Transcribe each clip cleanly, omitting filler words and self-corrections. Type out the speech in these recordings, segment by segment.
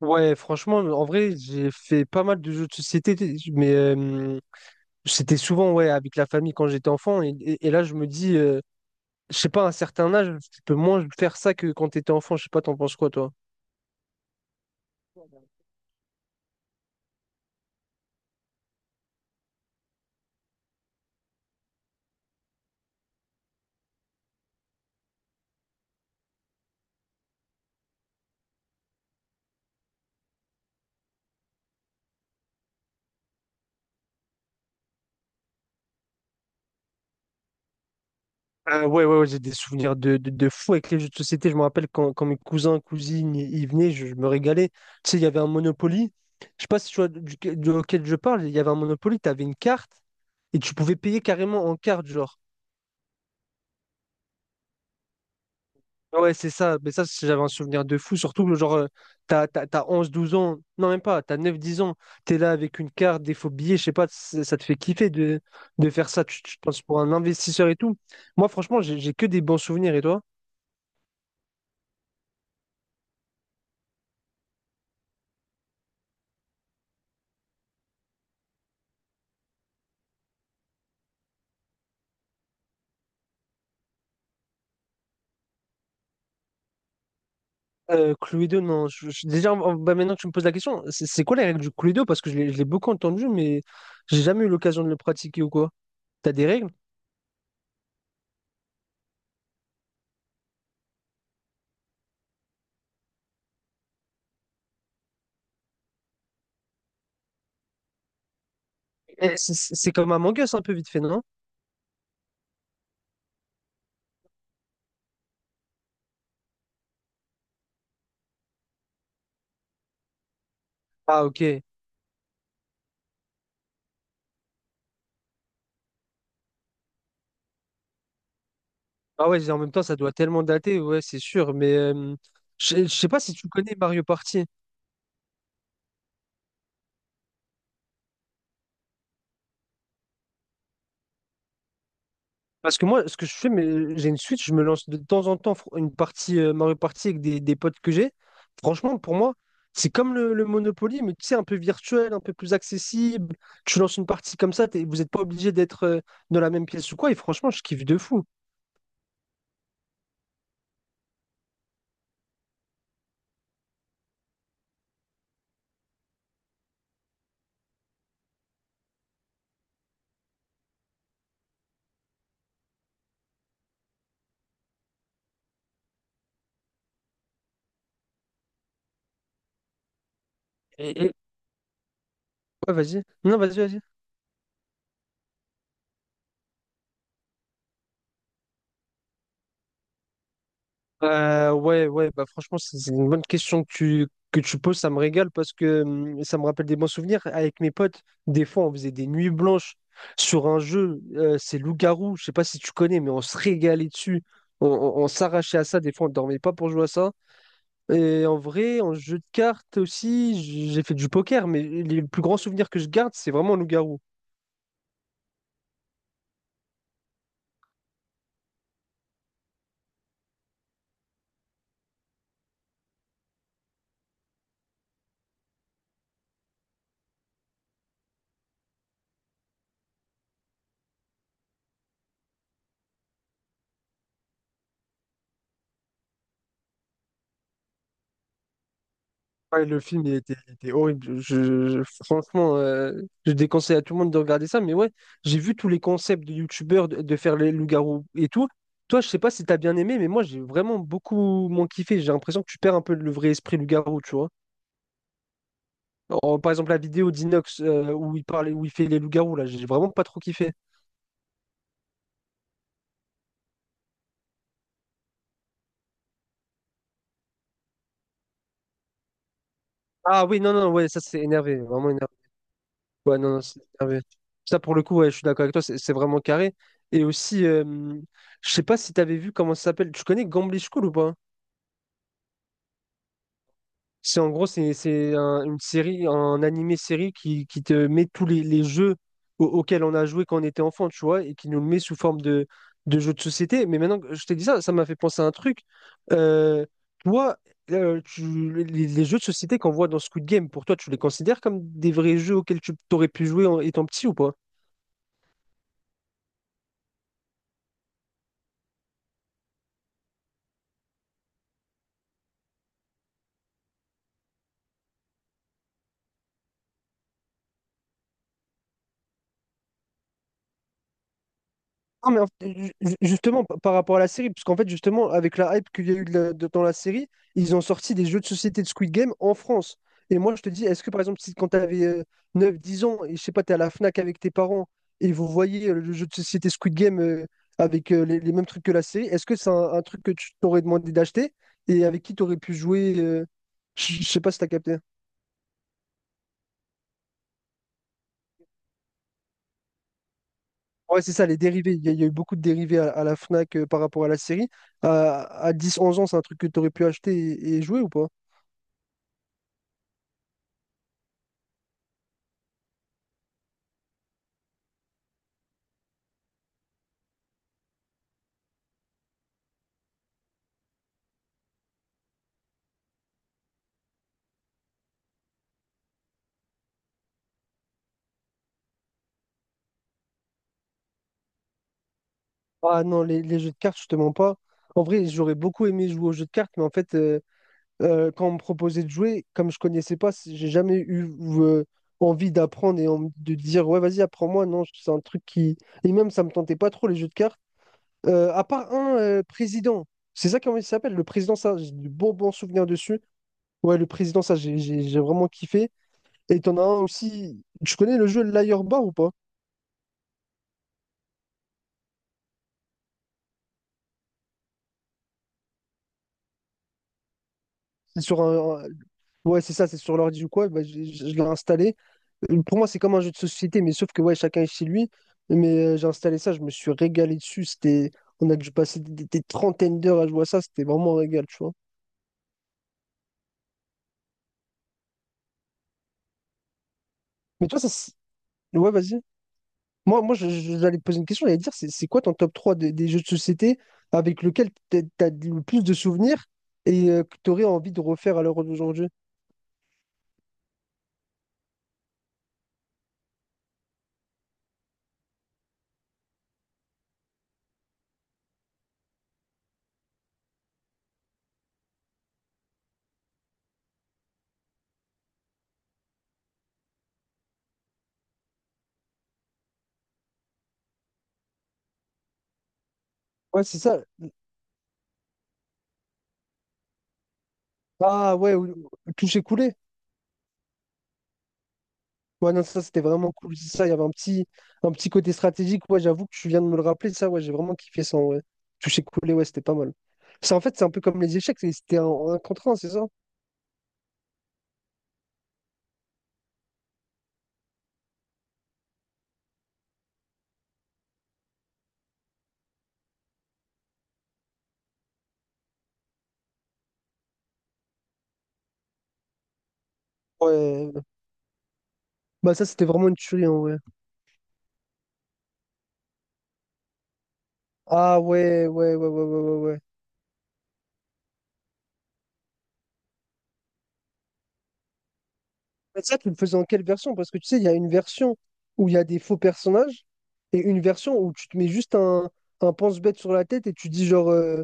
Ouais, franchement, en vrai, j'ai fait pas mal de jeux de société, mais c'était souvent ouais, avec la famille quand j'étais enfant. Et là, je me dis, je sais pas, à un certain âge, tu peux moins faire ça que quand t'étais enfant. Je sais pas, t'en penses quoi, toi? Ouais, ouais, ouais, j'ai des souvenirs de fou avec les jeux de société. Je me rappelle quand mes cousins, cousines, ils venaient, je me régalais. Tu sais, il y avait un Monopoly. Je sais pas si tu vois auquel je parle, il y avait un Monopoly, t'avais une carte et tu pouvais payer carrément en carte, genre. Ah ouais, c'est ça. Mais ça, j'avais un souvenir de fou. Surtout que, genre, t'as 11 12 ans. Non, même pas. T'as 9 10 ans. T'es là avec une carte, des faux billets. Je sais pas, ça te fait kiffer de faire ça. Tu penses pour un investisseur et tout. Moi, franchement, j'ai que des bons souvenirs. Et toi? Cluedo, non. Déjà, bah, maintenant que tu me poses la question, c'est quoi les règles du Cluedo? Parce que je l'ai beaucoup entendu, mais j'ai jamais eu l'occasion de le pratiquer ou quoi. T'as des règles? Eh, c'est comme un Us un peu vite fait, non? Ah, ok. Ah ouais, en même temps, ça doit tellement dater, ouais, c'est sûr. Mais je sais pas si tu connais Mario Party. Parce que moi, ce que je fais, mais j'ai une Switch, je me lance de temps en temps une partie Mario Party avec des potes que j'ai. Franchement, pour moi, c'est comme le Monopoly, mais tu sais, un peu virtuel, un peu plus accessible. Tu lances une partie comme ça, vous n'êtes pas obligé d'être dans la même pièce ou quoi. Et franchement, je kiffe de fou. Et, et- Ouais, vas-y. Non, vas-y. Ouais, ouais, bah franchement, c'est une bonne question que tu poses, ça me régale parce que ça me rappelle des bons souvenirs. Avec mes potes, des fois, on faisait des nuits blanches sur un jeu, c'est Loup-garou, je sais pas si tu connais, mais on se régalait dessus. On s'arrachait à ça, des fois, on dormait pas pour jouer à ça. Et en vrai, en jeu de cartes aussi, j'ai fait du poker, mais les plus grands souvenirs que je garde, c'est vraiment Loup-garou. Ouais, le film, il était horrible. Franchement, je déconseille à tout le monde de regarder ça. Mais ouais, j'ai vu tous les concepts de youtubeurs de faire les loups-garous et tout. Toi, je sais pas si t'as bien aimé, mais moi, j'ai vraiment beaucoup moins kiffé. J'ai l'impression que tu perds un peu le vrai esprit loup-garou, tu vois. Par exemple, la vidéo d'Inox où il parle, où il fait les loups-garous, là, j'ai vraiment pas trop kiffé. Ah oui, non, non, ouais, ça c'est énervé, vraiment énervé. Ouais, non, non, c'est carré. Ça, pour le coup, ouais, je suis d'accord avec toi, c'est vraiment carré. Et aussi, je sais pas si t'avais vu comment ça s'appelle. Tu connais Gambling School ou pas? C'est en gros, c'est une série, un animé-série qui te met tous les jeux auxquels on a joué quand on était enfant, tu vois, et qui nous le met sous forme de jeux de société. Mais maintenant que je t'ai dit ça, ça m'a fait penser à un truc. Euh, toi, les jeux de société qu'on voit dans Squid Game, pour toi, tu les considères comme des vrais jeux auxquels tu t'aurais pu jouer en étant petit ou pas? Non, mais en fait, justement, par rapport à la série, parce qu'en fait, justement, avec la hype qu'il y a eu dans la série, ils ont sorti des jeux de société de Squid Game en France. Et moi, je te dis, est-ce que par exemple, si quand tu avais 9-10 ans et je sais pas, tu es à la FNAC avec tes parents et vous voyez le jeu de société Squid Game avec les mêmes trucs que la série, est-ce que c'est un truc que tu t'aurais demandé d'acheter et avec qui tu aurais pu jouer Je sais pas si tu as capté. Ouais, c'est ça, les dérivés. Il y a eu beaucoup de dérivés à la Fnac par rapport à la série. À 10-11 ans, c'est un truc que tu aurais pu acheter et jouer ou pas? Ah non, les jeux de cartes, justement pas. En vrai, j'aurais beaucoup aimé jouer aux jeux de cartes, mais en fait, quand on me proposait de jouer, comme je connaissais pas, j'ai jamais eu euh, envie d'apprendre et de dire ouais, vas-y, apprends-moi. Non, c'est un truc qui. Et même, ça me tentait pas trop les jeux de cartes. À part un président, c'est ça comment il s'appelle, le président, ça, j'ai de bons bons souvenirs dessus. Ouais, le président, ça, j'ai vraiment kiffé. Et t'en as un aussi. Tu connais le jeu Liar Bar ou pas? C'est sur un, Ouais, c'est ça, c'est sur l'ordi ou quoi, bah, je l'ai installé. Pour moi, c'est comme un jeu de société, mais sauf que ouais, chacun est chez lui. Mais j'ai installé ça, je me suis régalé dessus. C'était... On a dû passer des 30aines d'heures à jouer à ça, c'était vraiment un régal, tu vois. Mais toi, Ouais, vas-y. Moi, j'allais te poser une question, j'allais te dire, c'est quoi ton top 3 des jeux de société avec lequel t'as le plus de souvenirs et que t'aurais envie de refaire à l'heure d'aujourd'hui? Ouais, c'est ça. Ah ouais, ou- toucher coulé. Ouais, non, ça c'était vraiment cool. C'est ça, il y avait un petit côté stratégique. Ouais, j'avoue que tu viens de me le rappeler. Ça, ouais, j'ai vraiment kiffé ça. Ouais. Toucher coulé, ouais, c'était pas mal. C'est un peu comme les échecs. C'était un contre un, c'est ça? Ouais. Bah, ça, c'était vraiment une tuerie, en vrai. Ah, ouais. Ouais. Mais ça, tu le faisais en quelle version? Parce que tu sais, il y a une version où il y a des faux personnages et une version où tu te mets juste un pense-bête sur la tête et tu dis, genre,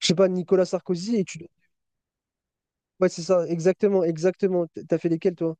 je sais pas, Nicolas Sarkozy et tu. Ouais, c'est ça, exactement, exactement. T'as fait lesquels, toi?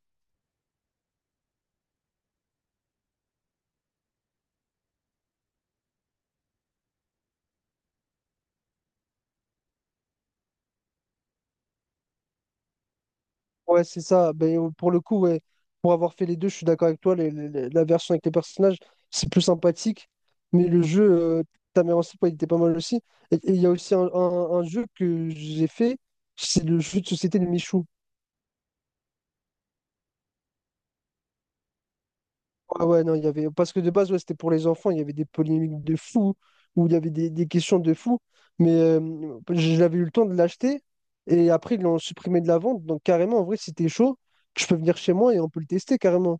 Ouais, c'est ça. Ben, pour le coup, ouais, pour avoir fait les deux, je suis d'accord avec toi. La version avec les personnages, c'est plus sympathique. Mais le jeu, euh, ta mère en slip, ouais, il était pas mal aussi. Et il y a aussi un jeu que j'ai fait, c'est le jeu de société de Michou. Ah ouais, non, il y avait... Parce que de base, ouais, c'était pour les enfants, il y avait des polémiques de fou, où il y avait des questions de fou, mais j'avais eu le temps de l'acheter, et après, ils l'ont supprimé de la vente, donc carrément, en vrai, si t'es chaud, je peux venir chez moi et on peut le tester carrément.